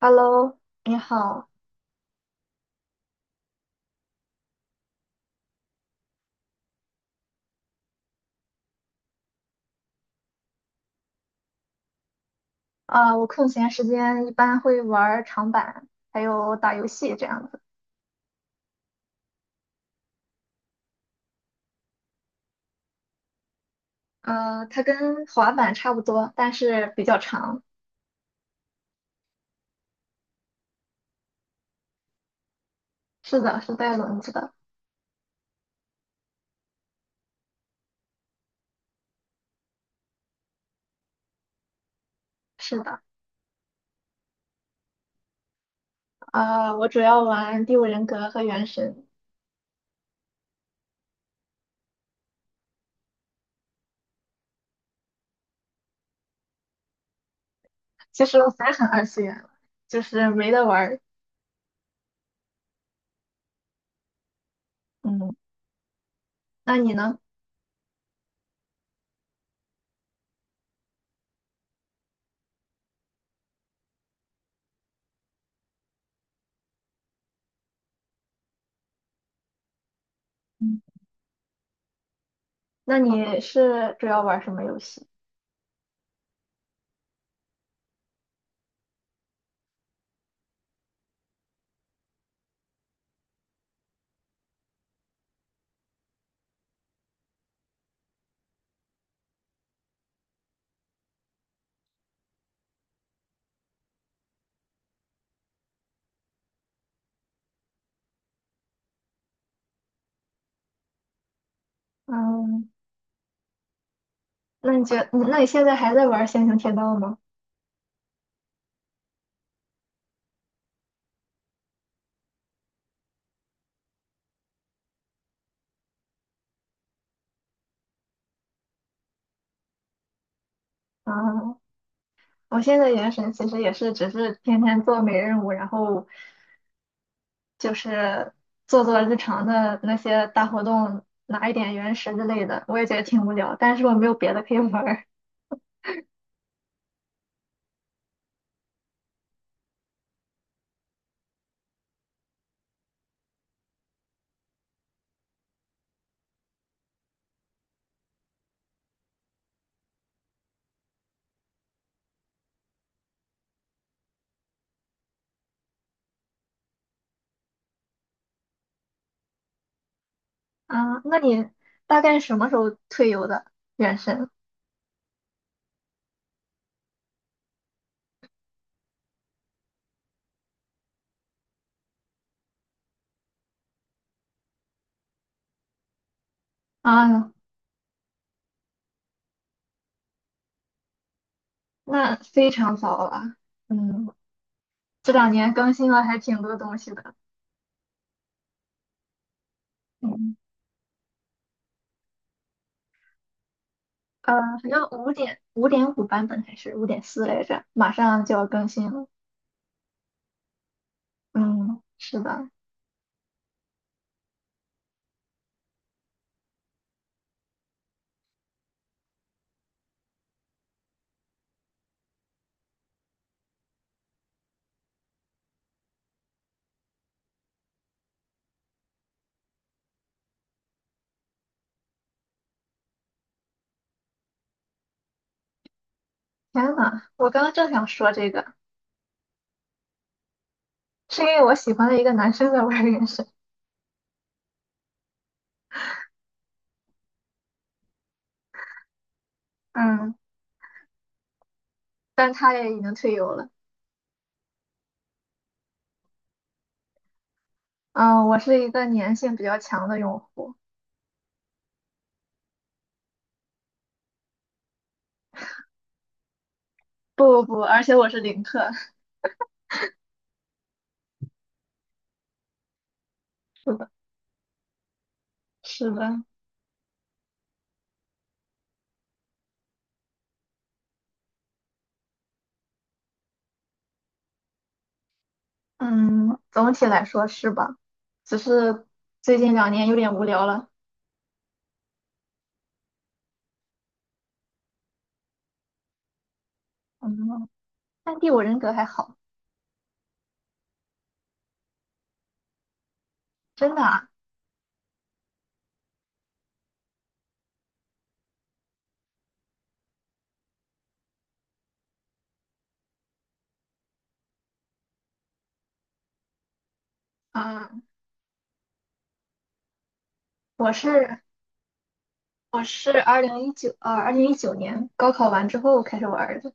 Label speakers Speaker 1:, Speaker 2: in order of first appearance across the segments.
Speaker 1: Hello，你好，我空闲时间一般会玩儿长板，还有打游戏这样子。它跟滑板差不多，但是比较长。是的，是带轮子的。是的，我主要玩《第五人格》和《原神》。其实我才很二次元了，就是没得玩儿。嗯，那你呢？嗯，那你是主要玩儿什么游戏？嗯，那你现在还在玩儿《仙行铁道》吗？啊、我现在原神其实也是只是天天做每日任务，然后就是做做日常的那些大活动，拿一点原石之类的，我也觉得挺无聊，但是我没有别的可以玩儿。啊，那你大概什么时候退游的原神？啊，那非常早了。嗯，这两年更新了还挺多东西的。嗯，好像五点五版本还是5.4来着，马上就要更新了。嗯，是的。天呐，我刚刚正想说这个，是因为我喜欢的一个男生在玩原神 嗯，但他也已经退游了。嗯，我是一个粘性比较强的用户，不不不，而且我是零氪。是的，是的，嗯，总体来说是吧？只是最近两年有点无聊了。嗯，但第五人格还好，真的啊。啊，我是我是二零一九年高考完之后开始玩儿的。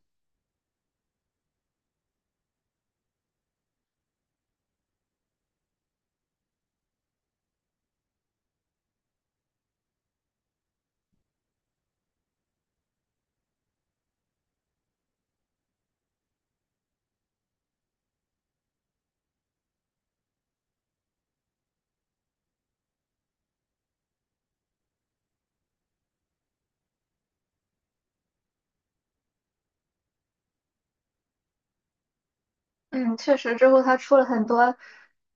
Speaker 1: 嗯，确实，之后它出了很多，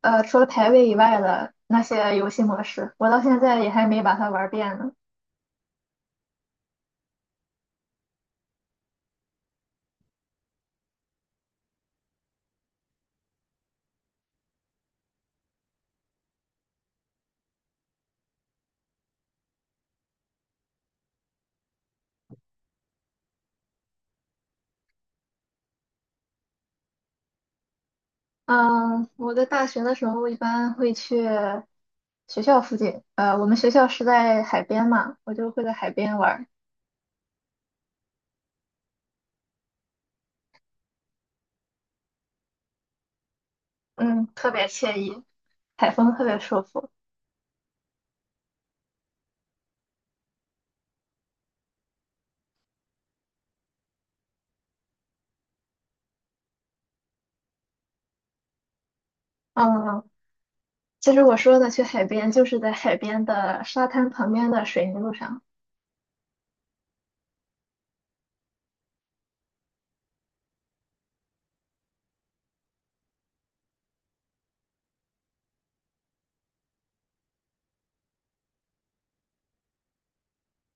Speaker 1: 除了排位以外的那些游戏模式，我到现在也还没把它玩遍呢。嗯，我在大学的时候一般会去学校附近，我们学校是在海边嘛，我就会在海边玩儿，嗯，特别惬意，海风特别舒服。嗯，其实我说的去海边，就是在海边的沙滩旁边的水泥路上。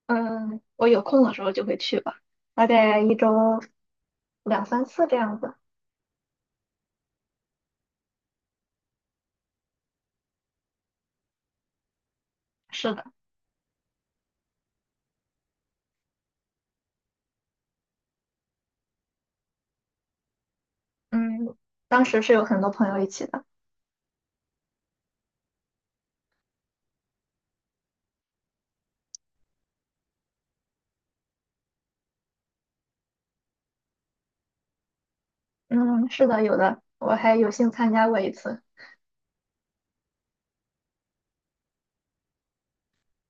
Speaker 1: 嗯，我有空的时候就会去吧，大概一周两三次这样子。是的。嗯，当时是有很多朋友一起的。嗯，是的，有的，我还有幸参加过一次。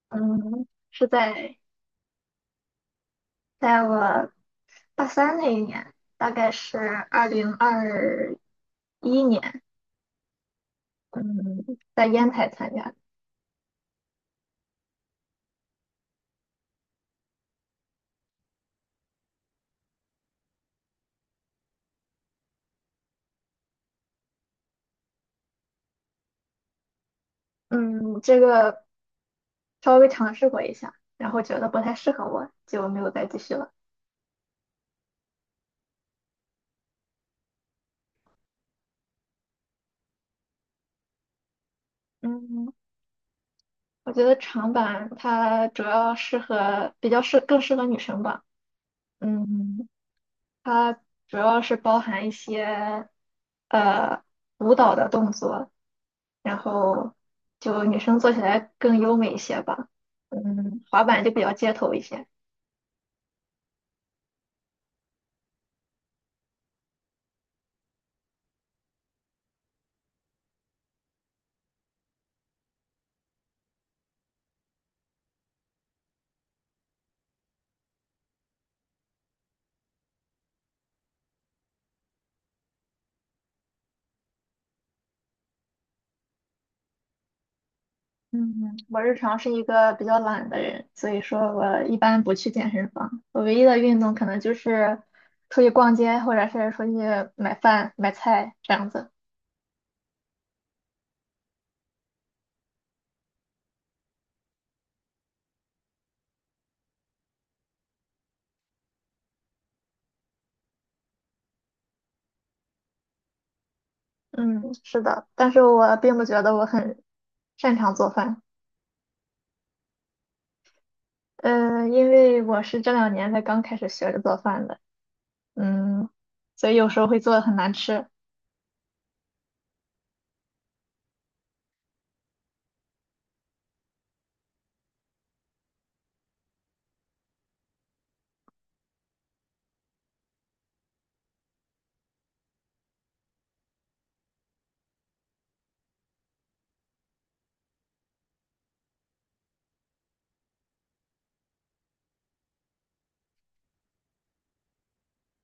Speaker 1: 嗯，是在我大三那一年，大概是2021年，嗯，在烟台参加的。嗯，这个稍微尝试过一下，然后觉得不太适合我，就没有再继续了。嗯，我觉得长板它主要适合，比较适，更适合女生吧。嗯。它主要是包含一些呃舞蹈的动作，然后就女生做起来更优美一些吧。嗯，滑板就比较街头一些。嗯，我日常是一个比较懒的人，所以说我一般不去健身房。我唯一的运动可能就是出去逛街，或者是出去买饭、买菜这样子。嗯，是的，但是我并不觉得我很擅长做饭。因为我是这两年才刚开始学着做饭的，嗯，所以有时候会做的很难吃。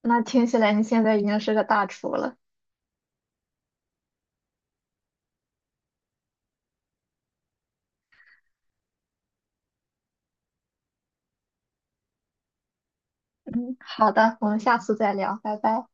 Speaker 1: 那听起来你现在已经是个大厨了，嗯，好的，我们下次再聊，拜拜。